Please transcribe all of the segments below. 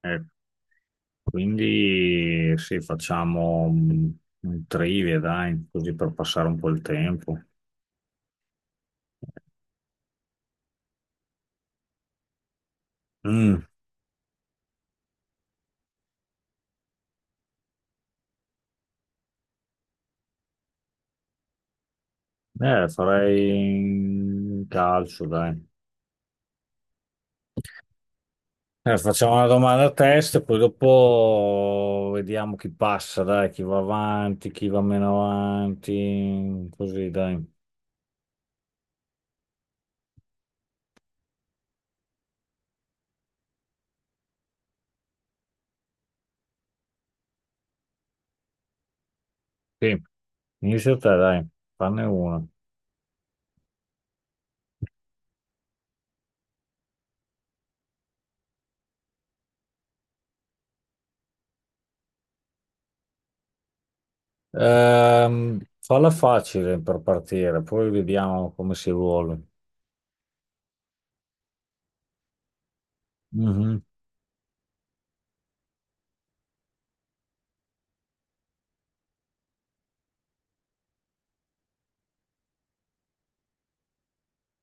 Ecco, quindi sì, facciamo un trivia, dai, così per passare un po' il tempo. Mm, Farei calcio, dai. Facciamo una domanda a testa, poi dopo vediamo chi passa, dai, chi va avanti, chi va meno avanti, così, dai. Sì, inizia te, dai, fanne una. Falla facile per partire, poi vediamo come si vuole. Mhm.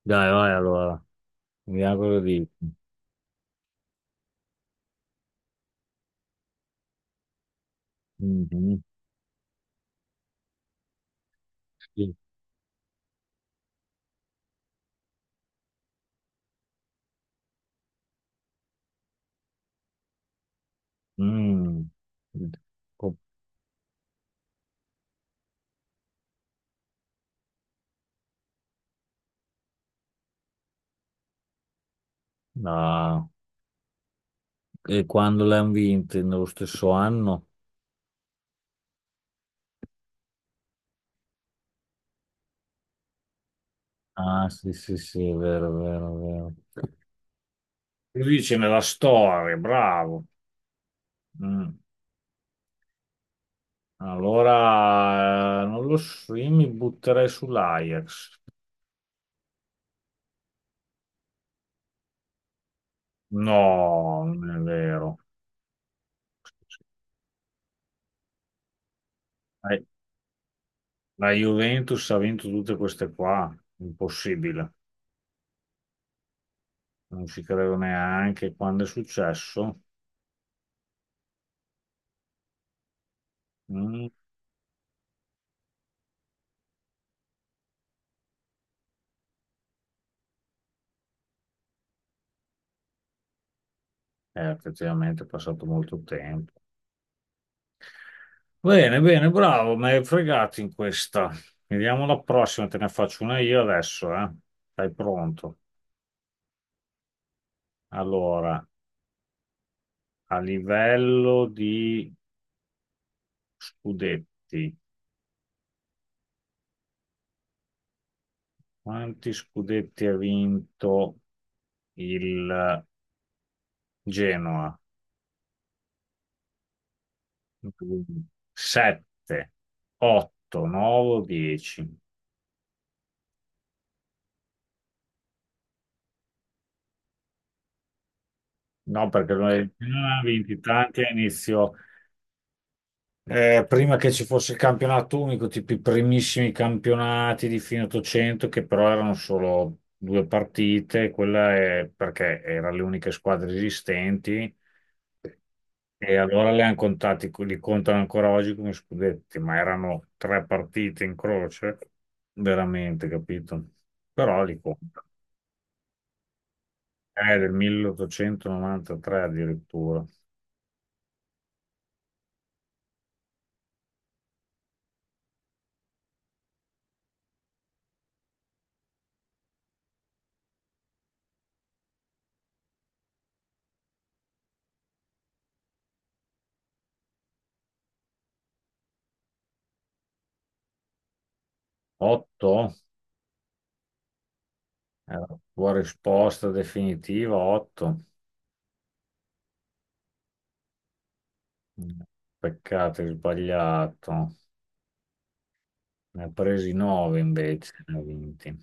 Dai, vai allora. Mi auguro di. Mhm, sì. Mm. Co- Ah, e quando l'hanno vinto? Nello stesso anno? Ah, sì, sì, sì, è vero, è vero, è vero. Lui dice nella storia, bravo. Mm. Allora, non lo so, io mi butterei sull'Ajax. No, non è vero. Eh, La Juventus ha vinto tutte queste qua, impossibile. Non ci credo neanche quando è successo. Effettivamente è passato molto tempo. Bene, bene, bravo, mi hai fregato in questa. Vediamo la prossima, te ne faccio una io adesso, eh. Sei pronto? Allora, a livello di scudetti, quanti scudetti ha vinto il Genoa? 7, 8, 9, 10. No, perché il Genoa ha vinti tanti a inizio. Prima che ci fosse il campionato unico, tipo i primissimi campionati di fine 800, che però erano solo due partite, quella è perché erano le uniche squadre esistenti e allora le hanno contati, li contano ancora oggi come scudetti, ma erano tre partite in croce, veramente, capito? Però li contano. È del 1893 addirittura. 8 è la tua risposta definitiva, 8. Mm. Peccato, hai sbagliato. Ne ha presi 9 invece, ne ha vinti.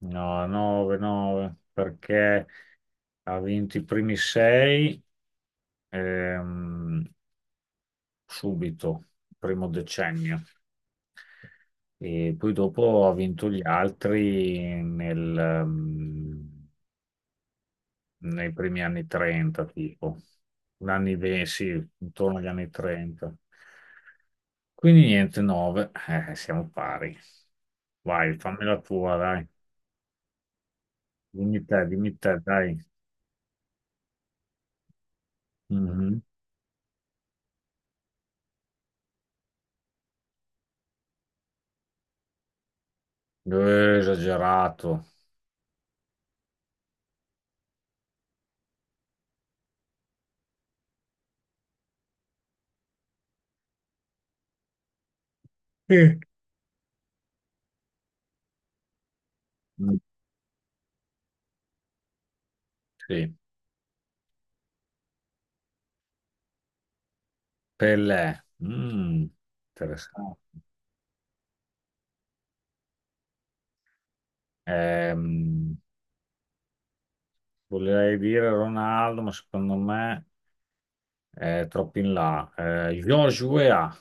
No, 9, 9, perché ha vinto i primi 6 subito, primo decennio. E poi dopo ha vinto gli altri nei primi anni 30, tipo, gli anni 20, sì, intorno agli anni 30. Quindi niente, 9, siamo pari. Vai, fammi la tua, dai. Dimmi te, dai. Mhm. Esagerato. Mm. Mm, sì, Pelé. Mm, interessante. Ehm, Volevo dire Ronaldo, ma secondo me è troppo in là. Joshua.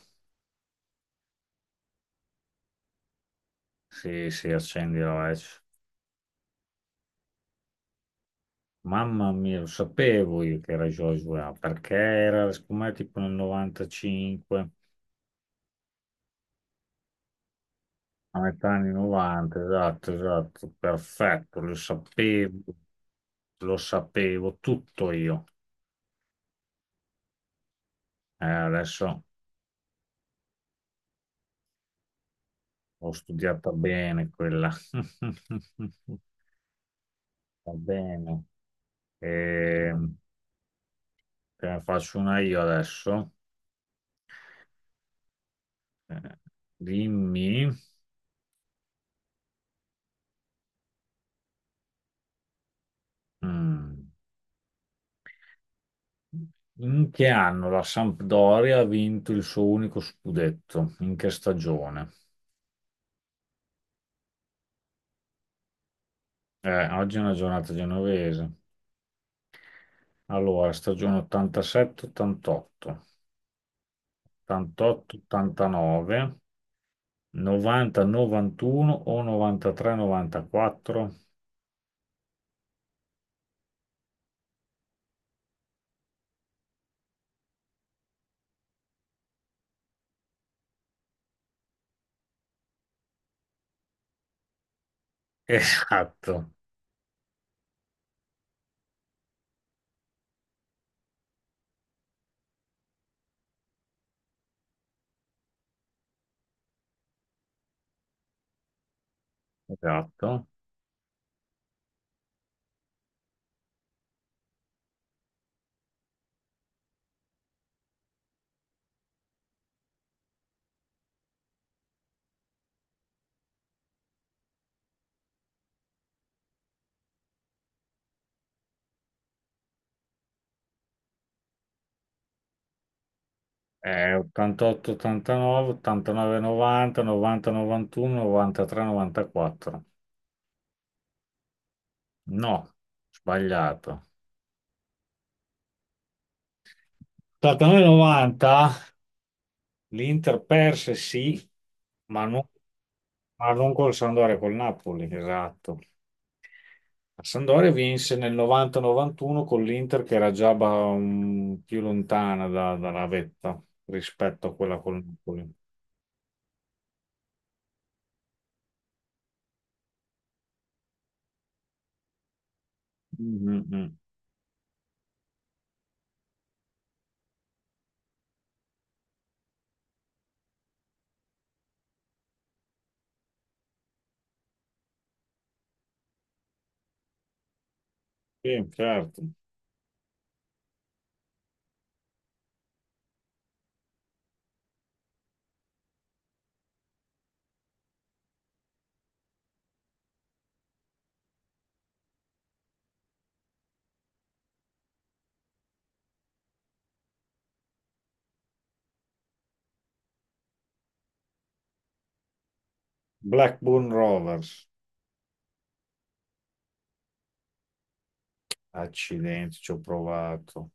Sì, sì, accendi la vecchia. Mamma mia, lo sapevo io che era George Weah, perché era, secondo me, tipo nel 95, a metà anni 90, esatto, esatto, perfetto, lo sapevo tutto io. Adesso ho studiata bene quella. Va bene. E, te ne faccio una io adesso. Eh, Dimmi. Mm. In che anno la Sampdoria ha vinto il suo unico scudetto? In che stagione? Oggi è una giornata genovese. Allora, stagione 87-88, 88-89, 90-91 o 93-94? Esatto, esatto. 88-89, 89-90, 90-91, 93-94. No, sbagliato. 89-90 l'Inter perse sì, ma non, ma non, col Sampdoria, col Napoli, esatto. La Sampdoria vinse nel 90-91 con l'Inter che era già più lontana dalla vetta rispetto a quella col Napoli. Mm, mm, mm. Sì, certo. Blackburn Rovers, accidenti, ci ho provato.